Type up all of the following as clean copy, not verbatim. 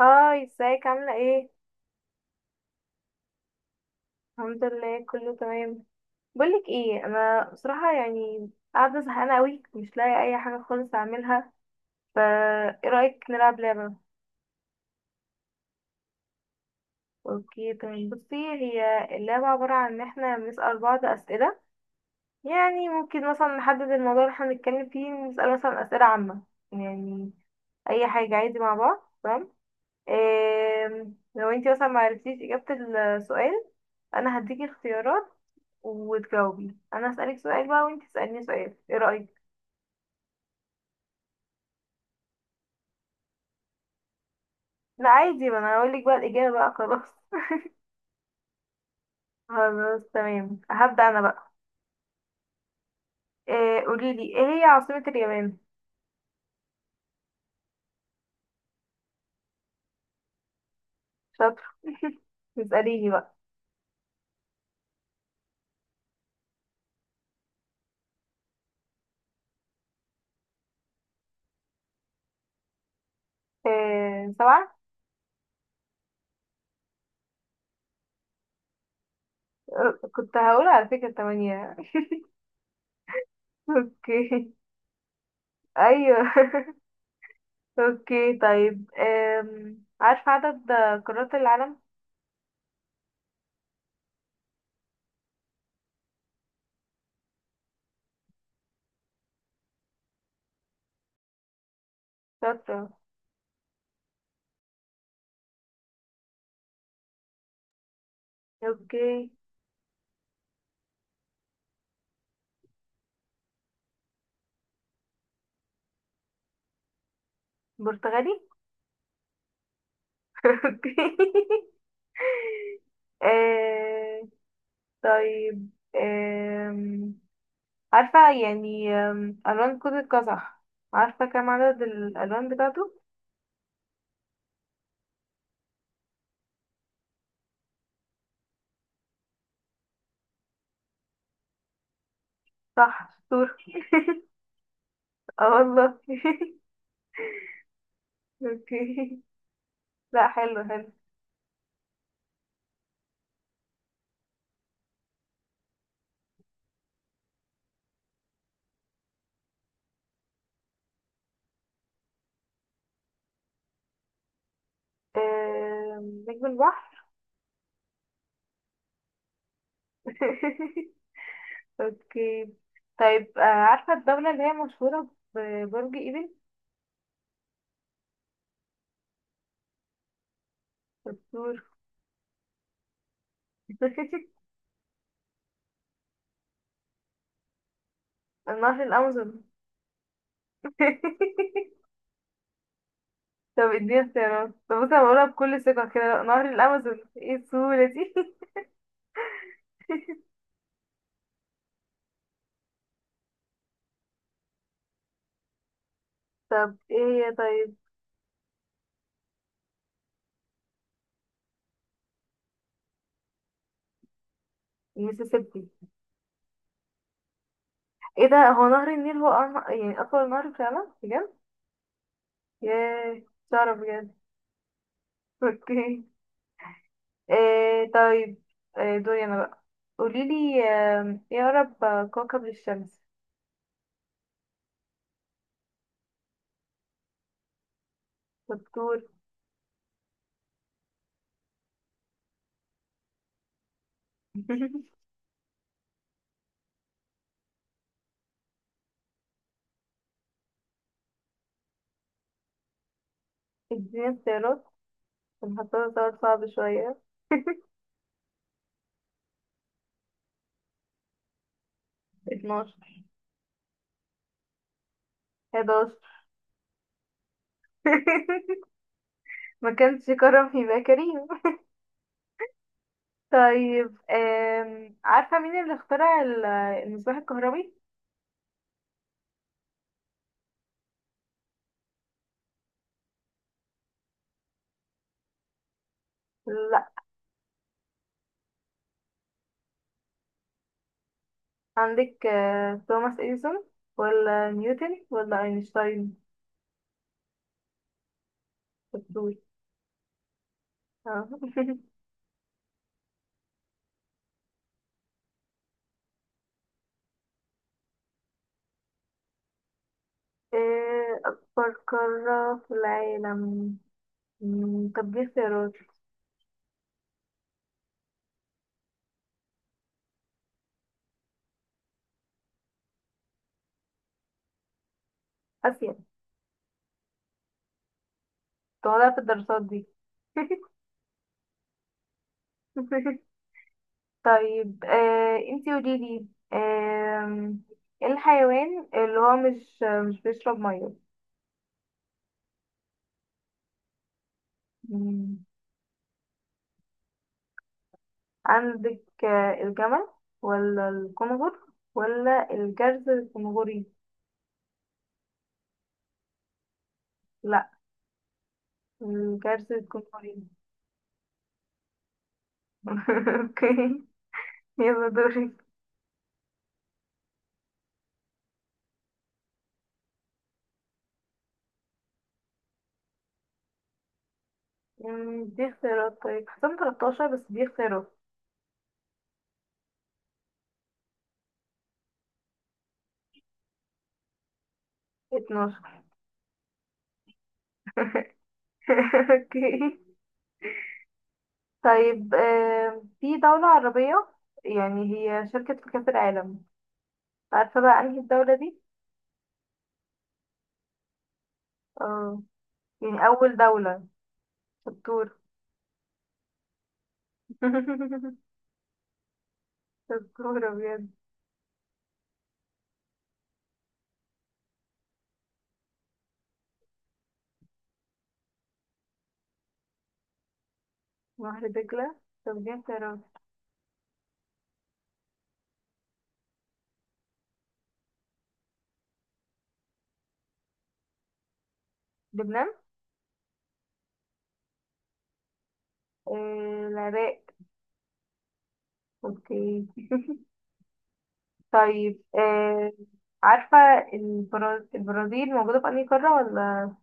هاي ازيك عاملة ايه؟ الحمد لله كله تمام. بقولك ايه، انا بصراحة يعني قاعدة زهقانة اوي، مش لاقي اي حاجة خالص اعملها. فا ايه رأيك نلعب لعبة؟ اوكي تمام. بصي، هي اللعبة عبارة عن ان احنا بنسأل بعض اسئلة. يعني ممكن مثلا نحدد الموضوع اللي احنا بنتكلم فيه، نسأل مثلا اسئلة عامة. يعني اي حاجة عادي مع بعض، تمام؟ إيه، لو انتي مثلا معرفتيش اجابة السؤال، انا هديكي اختيارات وتجاوبي. انا هسألك سؤال بقى وانت تسأليني سؤال، ايه رأيك؟ لا عادي، ما انا هقول لك بقى الإجابة بقى، خلاص. خلاص تمام، هبدأ انا بقى. إيه، قولي لي ايه هي عاصمة اليابان. شاطر. اسأليني بقى. إيه، سبعة. كنت هقول على فكرة تمانية. اوكي. ايوه. اوكي طيب، عارفة عدد قارات العالم؟ شاطرة. اوكي، برتغالي. اوكي. آه، طيب، آم، عارفة يعني ألوان كود القزح، عارفة كم عدد الألوان بتاعته؟ صح، شطور. اه والله. اوكي. لا حلو حلو. نجم البحر. اوكي. طيب، عارفة الدولة اللي هي مشهورة ببرج ايفل؟ شطور. نهر الأمازون. طب اديني اختيارات. طب بص، انا بقولها بكل ثقة كده نهر الأمازون، ايه السهولة دي؟ طب ايه هي طيب؟ المسيسيبي؟ ايه ده، هو نهر النيل هو يعني أطول نهر في العالم بجد؟ ياه، مش أعرف بجد. اوكي. إيه طيب، إيه دوري أنا بقى. قوليلي ايه أقرب كوكب للشمس. دكتور. اديني اختيارات، هنحطها سؤال صعب شوية. 12. 11. ما كانش كرم يبقى كريم. طيب عارفة مين اللي اخترع المصباح الكهربي؟ لا. عندك توماس اديسون، ولا نيوتن، ولا اينشتاين؟ الدول. آه. اكبر قارة في العالم؟ طب دي اختيارات. اسيا. طالعة في الدراسات دي. طيب، انتي قوليلي آم، ايه الحيوان اللي هو مش بيشرب ميه؟ عندك الجمل، ولا الكنغر، ولا الجرز الكنغري؟ لا الجرز الكنغري. اوكي. يلا دوري. دي اختيارات؟ طيب حسام 13، بس دي اختيارات. 12. اوكي. طيب في دولة عربية يعني هي شاركت في كأس العالم، عارفة بقى انهي الدولة دي؟ اه، يعني أول دولة. شطور. شطورة بجد. نهر دجلة؟ طب دي اختيارات. لبنان. العراق. اوكي. طيب، عارفة البرازيل موجودة في أنهي قارة، ولا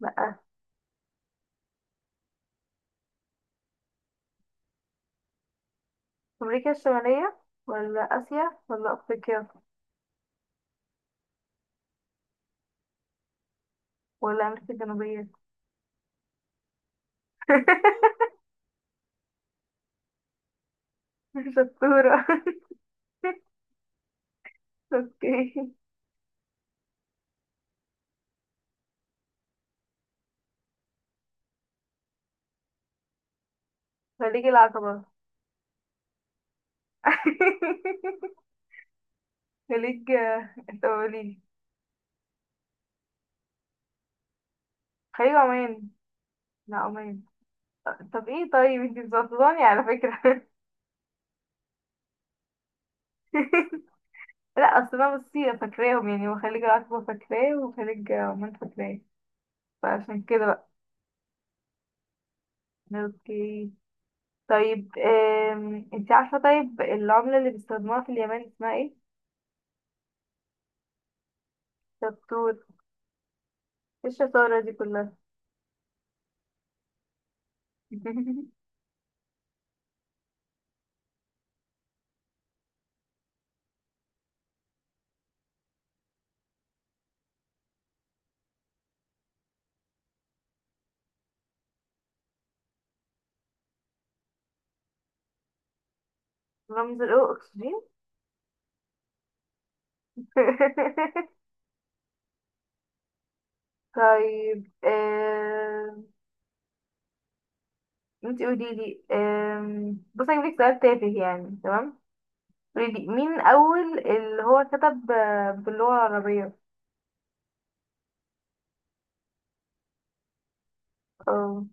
لأ؟ أمريكا الشمالية، ولا آسيا، ولا أفريقيا، ولا أمريكا الجنوبية؟ شطورة. اوكي. خليج العقبة. خليج. انت قوليلي. خليج عمان، لا عمان. طب ايه، طيب انتي مظبطاني على فكرة. لا اصل انا بصي فاكراهم يعني، وخليج العقبة فاكراه وخليج عمان فاكراه، فعشان كده بقى. اوكي. طيب انت عارفة طيب العملة اللي بيستخدموها في اليمن اسمها ايه؟ شطور. ايه الشطارة دي كلها؟ رمز الاو اكسجين. طيب انت قولي لي. بصي هجيب لك سؤال تافه يعني، تمام؟ قولي لي مين أول اللي هو كتب باللغة العربية؟ اه.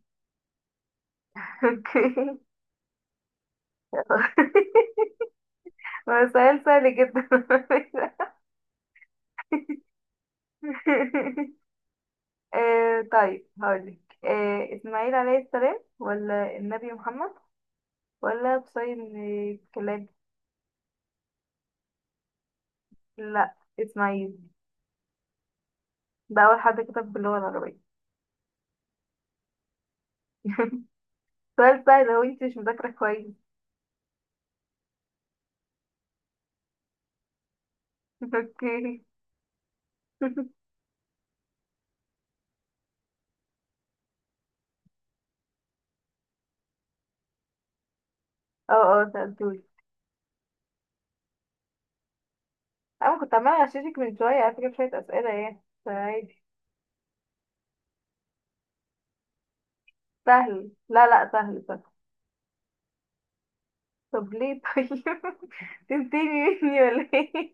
اوكي. هو سؤال سهل جدا. آه طيب هقولك، آه، إسماعيل عليه السلام، ولا النبي محمد، ولا قصي بن كلاب؟ لا إسماعيل، ده أول حد كتب باللغة العربية. سؤال سهل، هو انت مش مذاكرة كويس. اوكي. اه اه سألتولي. أنا كنت عمالة أغششك من شوية على فكرة، شوية أسئلة يعني فعادي. سهل، لا لا سهل سهل. طب ليه طيب؟ تنتني مني ولا ايه؟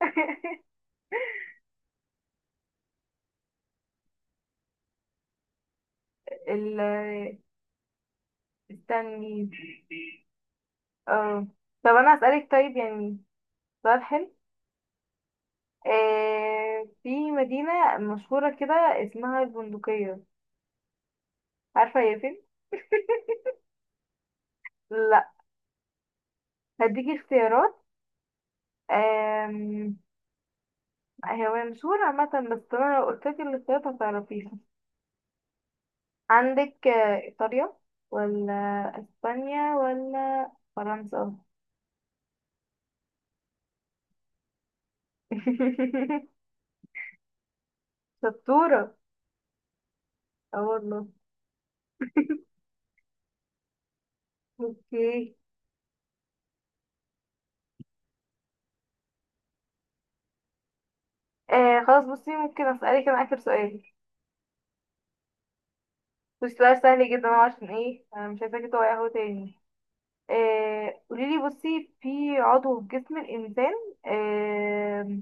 ال- استني. اه. طب انا اسالك طيب يعني سؤال حلو. آه في مدينه مشهوره كده اسمها البندقيه، عارفه هي فين؟ لا. هديكي اختيارات. آم، هي مشهوره عامه، بس انا لو قلت لك الاختيارات هتعرفيها. عندك ايطاليا، ولا اسبانيا، ولا فرنسا؟ شطوره. اه والله. اوكي. آه خلاص بصي، ممكن اسالك انا اخر سؤال. بصي سؤال سهل جدا أهو، عشان ايه انا مش عايزاكي تقعي اهو تاني. آه قوليلي بصي، في عضو في جسم الانسان آه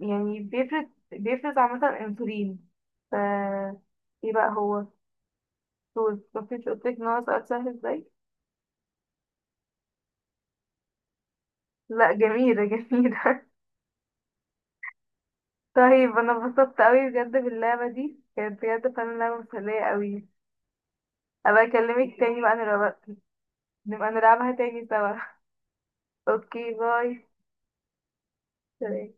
يعني بيفرز عامة انسولين، ف ايه بقى هو؟ طول، مفيش. قلتلك ان هو سؤال سهل ازاي؟ لا جميلة جميلة. طيب انا اتبسطت اوي بجد، باللعبة دي كانت بجد فعلا لعبة مسلية اوي. ابقى اكلمك تاني بقى نبقى نلعبها تاني سوا. اوكي، باي. سلام.